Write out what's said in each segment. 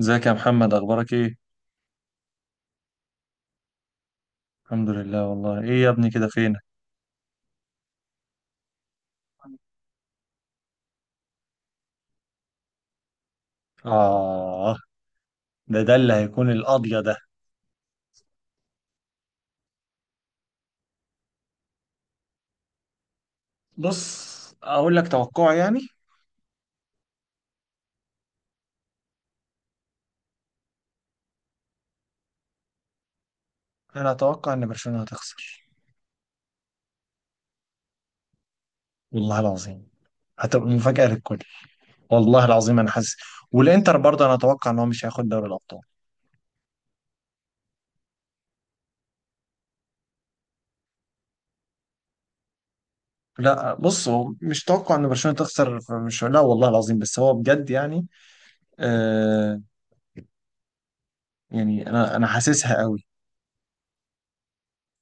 ازيك يا محمد، اخبارك ايه؟ الحمد لله، والله ايه يا ابني كده فينك؟ اه. ده اللي هيكون القاضية ده. بص اقول لك توقع يعني. انا اتوقع ان برشلونة هتخسر. والله العظيم. هتبقى مفاجأة للكل. والله العظيم، انا حاسس. والانتر برضه انا اتوقع ان هو مش هياخد دوري الابطال. لا بص، هو مش توقع ان برشلونة تخسر. مش، لا والله العظيم، بس هو بجد يعني. آه. يعني انا حاسسها قوي.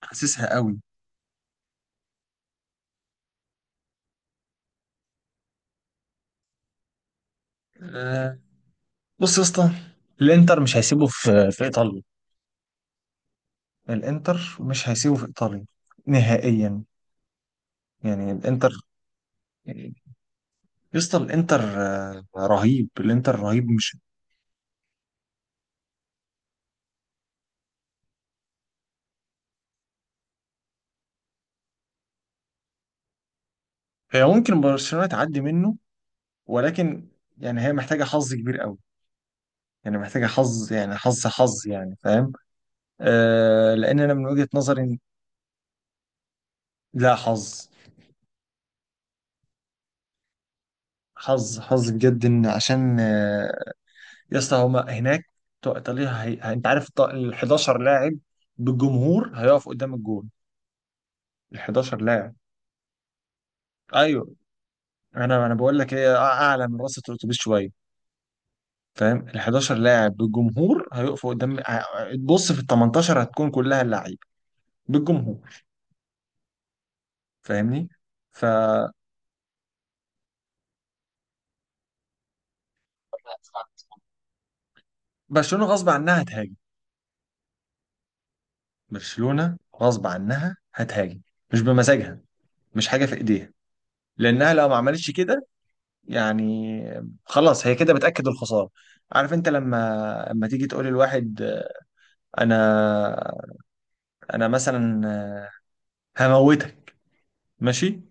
حاسسها قوي. آه. بص يا اسطى. الانتر مش هيسيبه في ايطاليا. الانتر مش هيسيبه في ايطاليا. نهائيا. يعني الانتر. يعني. يا اسطى الانتر رهيب، الانتر رهيب، مش... هي ممكن برشلونة تعدي منه. ولكن... يعني هي محتاجة حظ كبير قوي. يعني محتاجة حظ، يعني حظ حظ، يعني فاهم؟ آه لان انا من وجهة نظري لا، حظ. حظ حظ بجد ان عشان يا اسطى، هما هناك بتوع ايطاليا انت عارف ال 11 لاعب بالجمهور هيقف قدام الجول. ال 11 لاعب. ايوه. انا بقول لك ايه، اعلى من رصه الاتوبيس شويه. فاهم؟ ال 11 لاعب بالجمهور هيقفوا قدام تبص في ال 18 هتكون كلها اللعيبه بالجمهور. فاهمني؟ ف برشلونة غصب عنها هتهاجم. برشلونة. غصب عنها هتهاجم. مش بمزاجها. مش حاجة في ايديها. لانها لو ما عملتش كده، يعني، خلاص هي كده بتأكد الخسارة. عارف انت لما تيجي تقول لواحد، انا، انا مثلا، هموتك، ماشي؟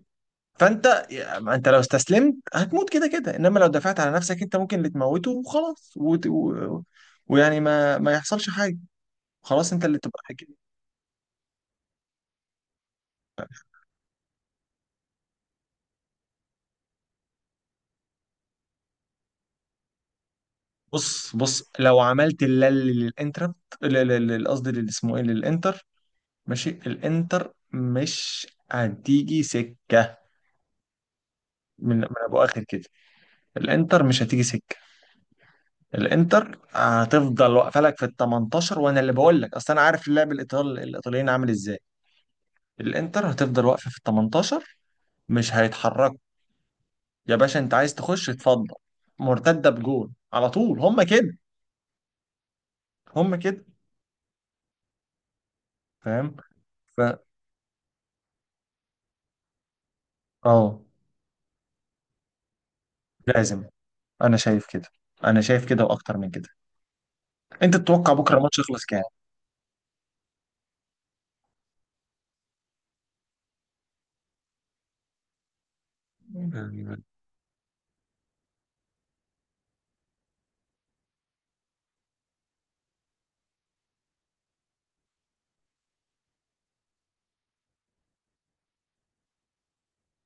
فانت، ما انت لو استسلمت هتموت كده كده، انما لو دفعت على نفسك، انت ممكن اللي تموته وخلاص ويعني ما يحصلش حاجه. خلاص انت اللي تبقى حاجة. بص بص، لو عملت للانتر، ل- قصدي اسمه ايه، للانتر. ماشي، الانتر مش هتيجي سكه من ابو اخر كده. الانتر مش هتيجي سكه. الانتر هتفضل واقفه لك في ال 18، وانا اللي بقول لك، اصل انا عارف اللاعب الايطالي الايطاليين عامل ازاي. الانتر هتفضل واقفه في ال 18. مش هيتحركوا. يا باشا، انت عايز تخش اتفضل. مرتده بجول على طول، هم كده. هم كده. فاهم؟ ف اه. لازم. انا شايف كده. انا شايف كده واكتر من كده. انت تتوقع بكره الماتش يخلص كام؟ يعني.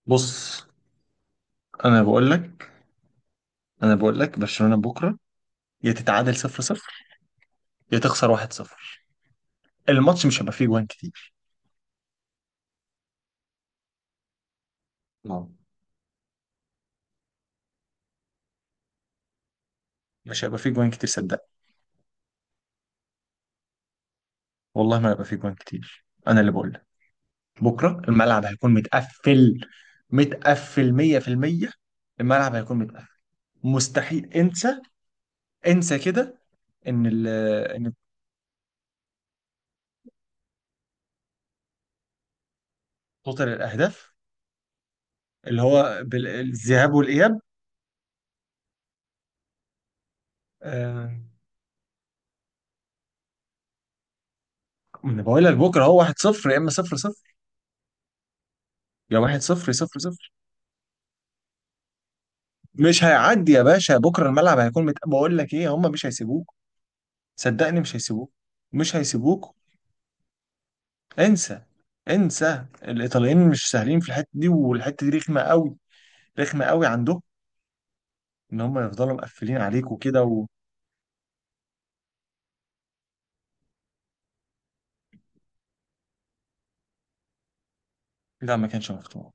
بص. انا بقول لك. انا بقول لك برشلونه بكره، يا تتعادل 0-0، يا تخسر 1-0. الماتش مش هيبقى فيه جوان كتير. آه. مش هيبقى فيه جوان كتير، صدقني. والله ما هيبقى فيه جوان كتير، انا اللي بقول لك. بكره الملعب هيكون متقفل. متقفل 100%. الملعب هيكون متقفل. مستحيل، انسى. انسى كده. ان ال ان توتال الاهداف اللي هو الذهاب والاياب، آه، ما انا بقول لك بكره هو 1-0 يا اما 0-0. يا 1-0 0-0، مش هيعدي يا باشا. بكره الملعب هيكون متقفل، بقول لك ايه، هم مش هيسيبوك. صدقني، مش هيسيبوك. مش هيسيبوك. انسى. انسى، الايطاليين مش سهلين في الحته دي، والحته دي رخمه قوي. رخمه قوي عندهم. ان هم يفضلوا مقفلين عليك وكده لا، ما كانش مفتوح.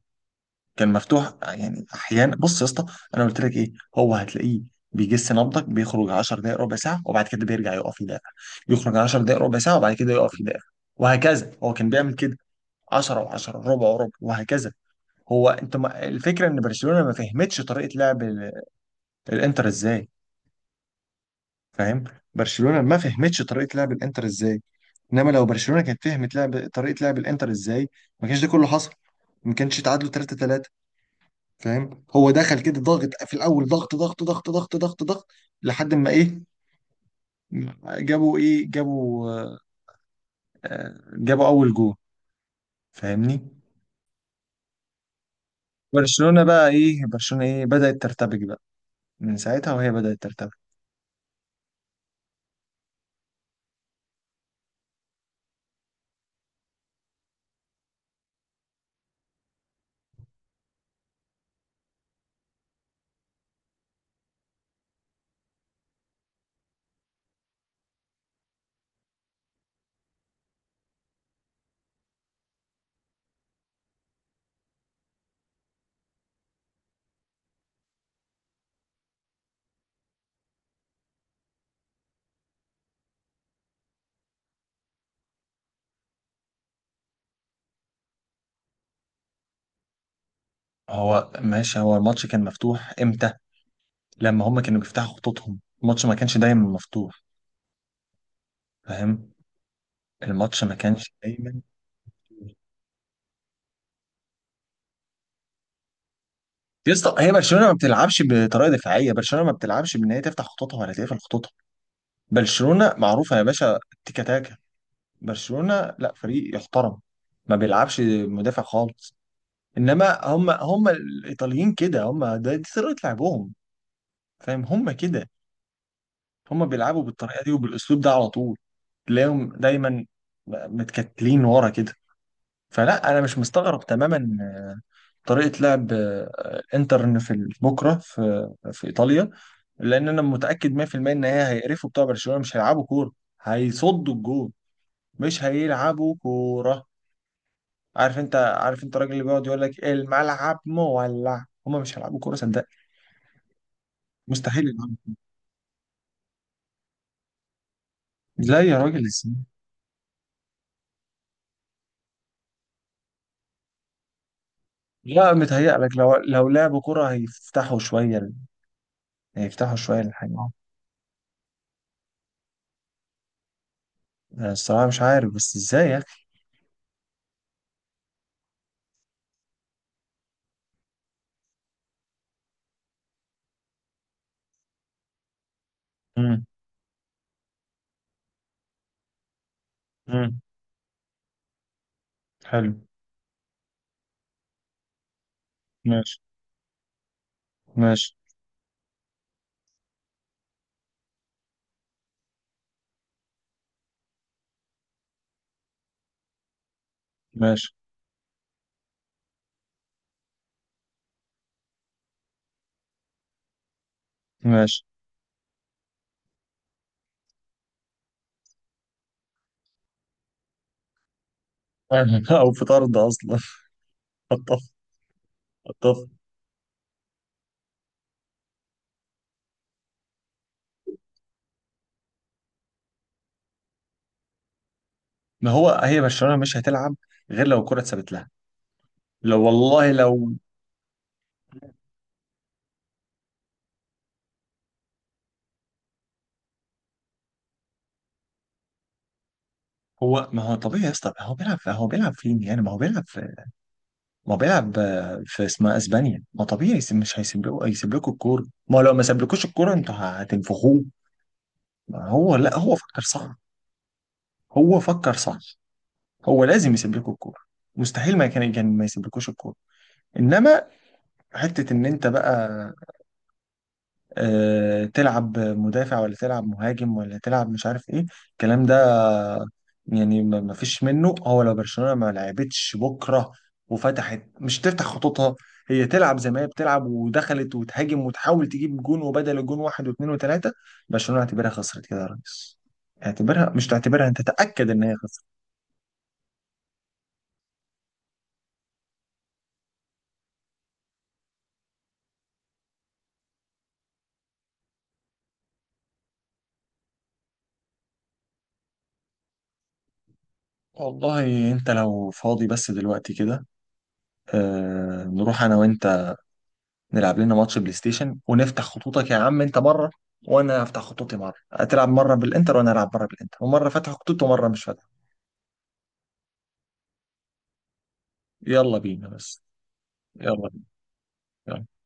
كان مفتوح يعني احيانا، بص يا اسطى. انا قلت لك ايه، هو هتلاقيه بيجس نبضك، بيخرج 10 دقائق ربع ساعه وبعد كده بيرجع يقف يدافع. يخرج 10 دقائق ربع ساعه وبعد كده يقف يدافع. وهكذا، هو كان بيعمل كده. 10 و10، ربع وربع، وهكذا. هو انت ما... الفكره ان برشلونه ما فهمتش طريقه لعب الانتر ازاي. فاهم؟ برشلونه ما فهمتش طريقه لعب الانتر ازاي. انما لو برشلونه كانت فهمت لعب طريقه لعب الانتر ازاي، ما كانش ده كله حصل. ما كانش اتعادلوا 3 3. فاهم؟ هو دخل كده ضاغط في الاول، ضغط ضغط ضغط ضغط ضغط ضغط، لحد ما ايه؟ جابوا ايه، جابوا، جابوا اول جول. فاهمني؟ برشلونه بقى ايه، برشلونه ايه، بدات ترتبك بقى. من ساعتها وهي بدات ترتبك. هو ماشي، هو الماتش كان مفتوح امتى؟ لما هما كانوا بيفتحوا خطوطهم الماتش ما كانش دايما مفتوح. فاهم؟ الماتش ما كانش دايما. يا اسطى، هي برشلونه ما بتلعبش بطريقه دفاعيه، برشلونه ما بتلعبش بان هي تفتح خطوطها ولا تقفل خطوطها. برشلونه معروفه يا باشا. تيكا تاكا. برشلونه لا فريق يحترم. ما بيلعبش مدافع خالص. انما هم الايطاليين كده، هم ده دي طريقه لعبهم. فاهم؟ هم كده. هم بيلعبوا بالطريقه دي وبالاسلوب ده على طول. تلاقيهم دايما متكتلين ورا كده. فلا، انا مش مستغرب تماما طريقة لعب الانتر، إن في بكرة في إيطاليا. لأن أنا متأكد 100% إن هي هيقرفوا، بتوع برشلونة مش هيلعبوا كورة. هيصدوا الجون. مش هيلعبوا كورة. عارف أنت الراجل اللي بيقعد يقول لك الملعب مولع، هما مش هيلعبوا كورة، صدق. مستحيل يلعبوا. لا يا راجل، ازاي؟ لا، متهيأ لك لو لعبوا كورة هيفتحوا شوية. هيفتحوا شوية الحاجة. الصراحة مش عارف بس ازاي يا أخي. مم. مم. حلو. ماشي. ماشي. ماشي. ماشي. او في طرد اصلا. خطف. خطف. ما هو هي برشلونه مش هتلعب غير لو الكره اتثبت لها. لو والله لو. هو ما هو طبيعي يا اسطى، هو بيلعب، هو بيلعب فين يعني، ما هو بيلعب في. ما هو بيلعب في اسمها اسبانيا. ما طبيعي مش هيسيب لكم الكوره. ما هو لو ما سابلكوش الكوره انتوا هتنفخوه. ما هو لا، هو فكر صح. هو فكر صح. هو لازم يسيب لكم الكوره. مستحيل ما كان ما يسيبلكوش الكوره. انما حته ان انت بقى تلعب مدافع ولا تلعب مهاجم ولا تلعب مش عارف ايه، الكلام ده يعني ما فيش منه. هو لو برشلونة ما لعبتش بكرة، وفتحت، مش تفتح خطوطها، هي تلعب زي ما هي بتلعب، ودخلت وتهاجم وتحاول تجيب جون، وبدل الجون واحد واثنين وثلاثة، برشلونة اعتبرها خسرت كده يا ريس. اعتبرها، مش تعتبرها انت، تأكد ان هي خسرت. والله انت لو فاضي بس دلوقتي كده، نروح انا وانت، نلعب لنا ماتش بلاي ستيشن، ونفتح خطوطك يا عم انت مره، وانا افتح خطوطي مره، هتلعب مره بالانتر وانا العب مره بالانتر، ومره فاتح خطوط ومره مش فاتح. يلا بينا بس. يلا بينا.